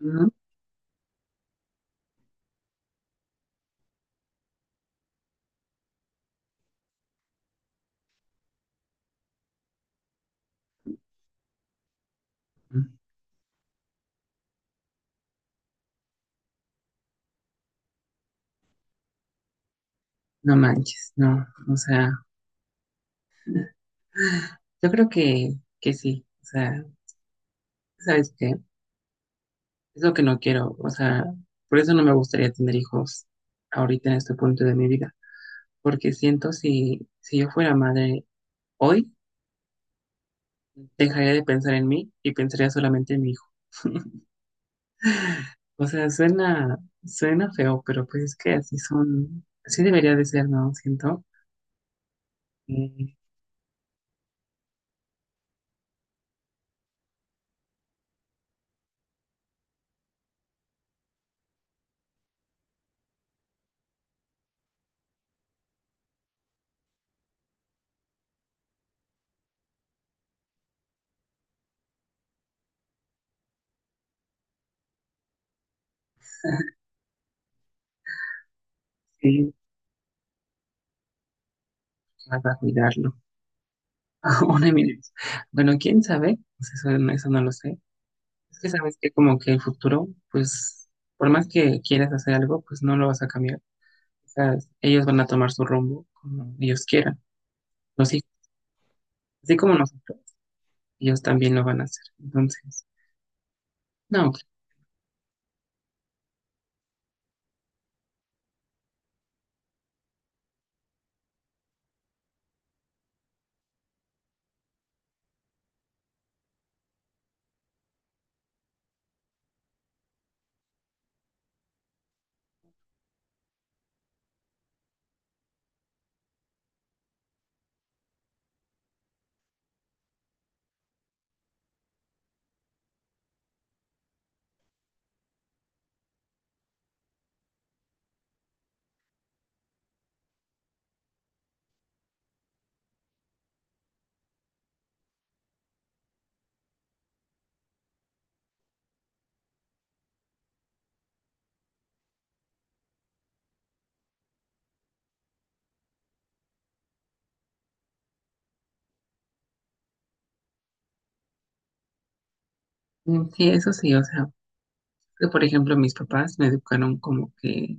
No, no manches, no. O sea, yo creo que sí. O sea, ¿sabes qué? Es lo que no quiero. O sea, por eso no me gustaría tener hijos ahorita en este punto de mi vida. Porque siento si yo fuera madre hoy, dejaría de pensar en mí y pensaría solamente en mi hijo. O sea, suena feo, pero pues es que así son, así debería de ser, ¿no? Siento. Y sí, vas a cuidarlo. Una de Bueno, quién sabe. Pues eso, eso no lo sé. Es que sabes que como que el futuro, pues por más que quieras hacer algo, pues no lo vas a cambiar. O sea, ellos van a tomar su rumbo como ellos quieran. Los hijos, así como nosotros, ellos también lo van a hacer. Entonces, no, sí, eso sí. O sea, que por ejemplo mis papás me educaron como que,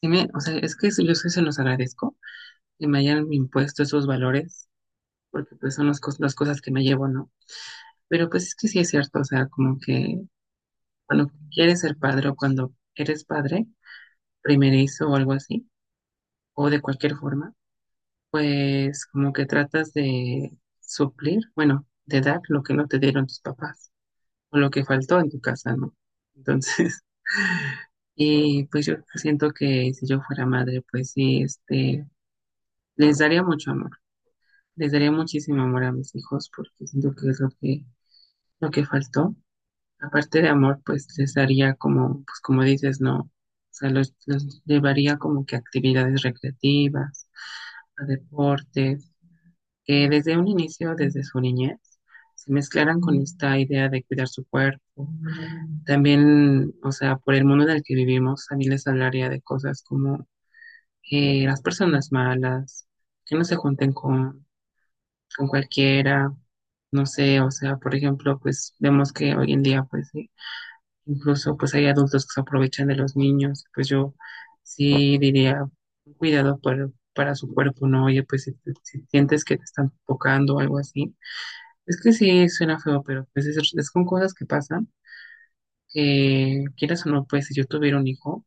sí me, o sea, es que yo sí se los agradezco que me hayan impuesto esos valores, porque pues son las cosas que me llevo, ¿no? Pero pues es que sí es cierto, o sea, como que cuando quieres ser padre o cuando eres padre, primerizo o algo así, o de cualquier forma, pues como que tratas de suplir, bueno, de dar lo que no te dieron tus papás o lo que faltó en tu casa, ¿no? Entonces, y pues yo siento que si yo fuera madre, pues sí, les daría mucho amor, les daría muchísimo amor a mis hijos porque siento que es lo que, lo que faltó. Aparte de amor, pues les daría como, pues como dices, no, o sea, los llevaría como que a actividades recreativas, a deportes, que desde un inicio, desde su niñez, se mezclaran con esta idea de cuidar su cuerpo. También, o sea, por el mundo en el que vivimos, a mí les hablaría de cosas como las personas malas, que no se junten con cualquiera, no sé, o sea, por ejemplo, pues vemos que hoy en día, pues sí. Incluso pues hay adultos que se aprovechan de los niños, pues yo sí diría cuidado para su cuerpo, ¿no? Oye, pues si sientes que te están tocando o algo así, es que sí suena feo, pero pues es con cosas que pasan, que quieras o no. Pues si yo tuviera un hijo,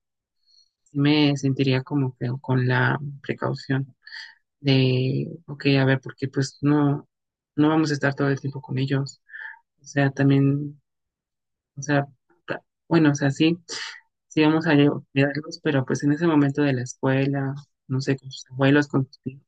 sí me sentiría como que con la precaución de, ok, a ver, porque pues no, no vamos a estar todo el tiempo con ellos, o sea, también, o sea, bueno, o sea, sí sí vamos a ayudarlos, pero pues en ese momento de la escuela, no sé, con sus abuelos, con tus tíos,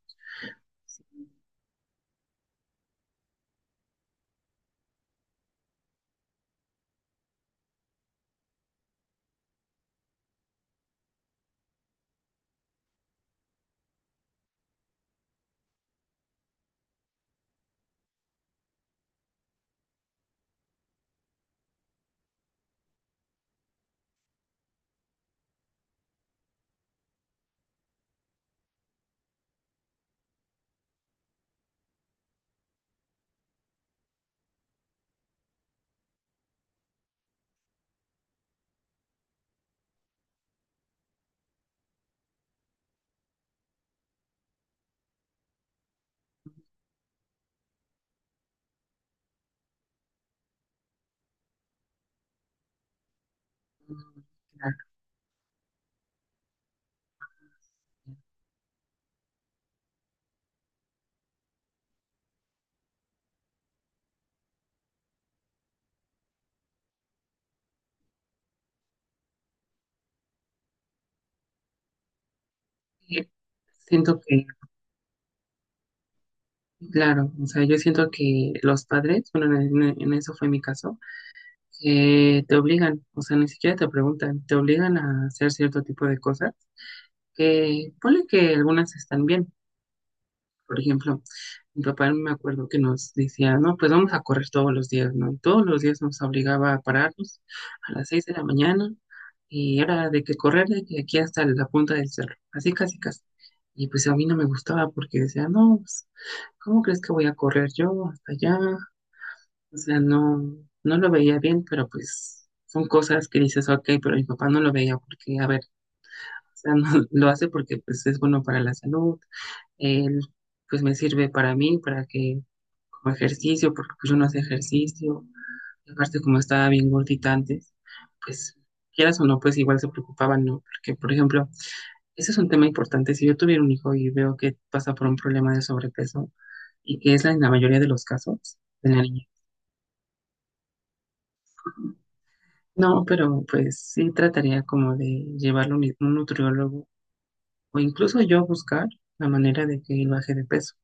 mm, claro. eh, Siento que, claro, o sea, yo siento que los padres, bueno, en eso fue mi caso, que te obligan, o sea, ni siquiera te preguntan, te obligan a hacer cierto tipo de cosas, que ponle que algunas están bien. Por ejemplo, mi papá me acuerdo que nos decía, no, pues vamos a correr todos los días, ¿no? Y todos los días nos obligaba a pararnos a las 6 de la mañana, y era de que correr de que aquí hasta la punta del cerro, así casi casi. Y pues a mí no me gustaba porque decía, no, pues, ¿cómo crees que voy a correr yo hasta allá? O sea, no, no lo veía bien, pero pues son cosas que dices, ok. Pero mi papá no lo veía porque, a ver, o sea, no, lo hace porque pues, es bueno para la salud, él, pues me sirve para mí, para que como ejercicio, porque pues, yo no hacía ejercicio, y aparte como estaba bien gordita antes, pues quieras o no, pues igual se preocupaban, ¿no? Porque, por ejemplo, ese es un tema importante. Si yo tuviera un hijo y veo que pasa por un problema de sobrepeso, y que es en la mayoría de los casos de la niña, no, pero pues sí trataría como de llevarlo a un nutriólogo, o incluso yo buscar la manera de que él baje de peso.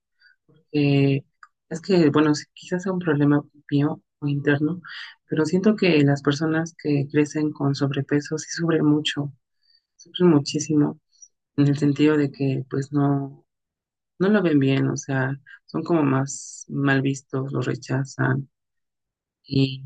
Eh, es que, bueno, sí, quizás sea un problema mío o interno, pero siento que las personas que crecen con sobrepeso sí sufren mucho, sufren muchísimo, en el sentido de que pues no, no lo ven bien, o sea, son como más mal vistos, lo rechazan y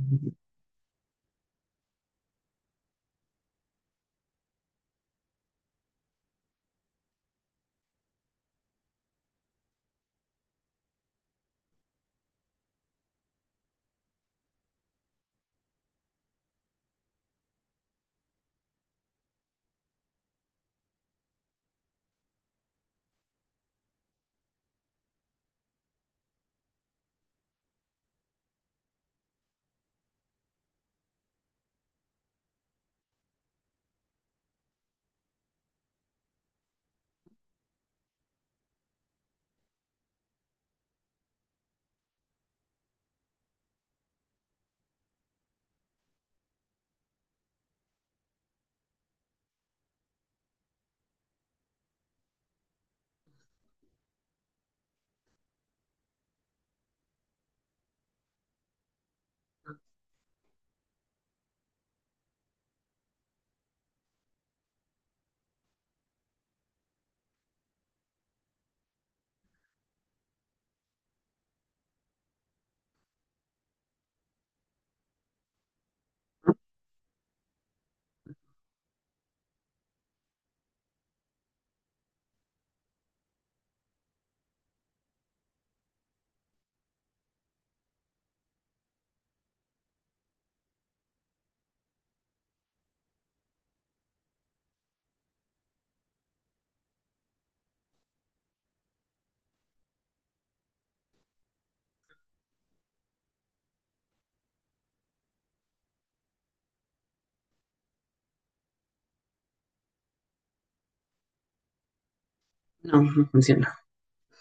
no, no funciona.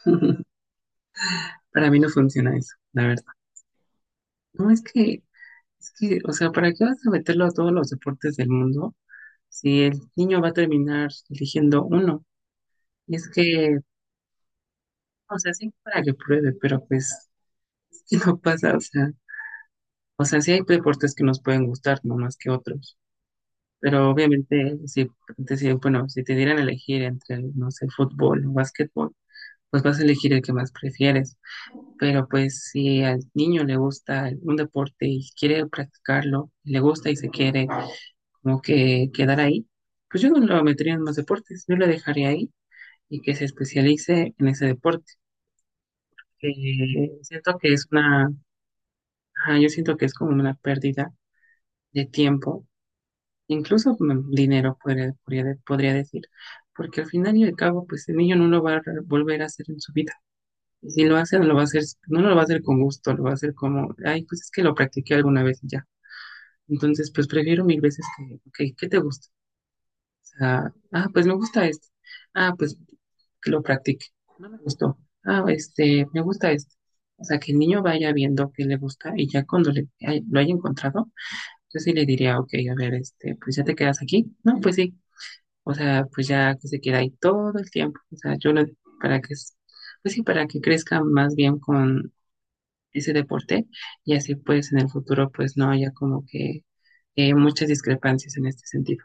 Para mí no funciona eso, la verdad. No, es que, o sea, ¿para qué vas a meterlo a todos los deportes del mundo? Si el niño va a terminar eligiendo uno. Y es que, o sea, sí, para que pruebe, pero pues que no pasa, o sea, sí hay deportes que nos pueden gustar, no más que otros. Pero obviamente, bueno, si te dieran a elegir entre, no sé, fútbol o básquetbol, pues vas a elegir el que más prefieres. Pero pues si al niño le gusta un deporte y quiere practicarlo, le gusta y se quiere como que quedar ahí, pues yo no lo metería en más deportes, yo lo dejaría ahí y que se especialice en ese deporte. Siento que es una, ajá, yo siento que es como una pérdida de tiempo, incluso dinero, podría decir, porque al final y al cabo, pues el niño no lo va a volver a hacer en su vida. Y si lo hace, no lo va a hacer, no lo va a hacer, con gusto, lo va a hacer como, ay, pues es que lo practiqué alguna vez y ya. Entonces, pues prefiero mil veces que, ok, ¿qué te gusta? Sea, ah, pues me gusta esto. Ah, pues que lo practique. No me gustó. Ah, me gusta esto. O sea, que el niño vaya viendo qué le gusta y ya cuando lo haya encontrado, yo sí le diría, ok, a ver, pues ya te quedas aquí. No, pues sí. O sea, pues ya que se queda ahí todo el tiempo. O sea, yo lo, para que, s- pues sí, para que crezca más bien con ese deporte, y así pues en el futuro pues no haya como que muchas discrepancias en este sentido.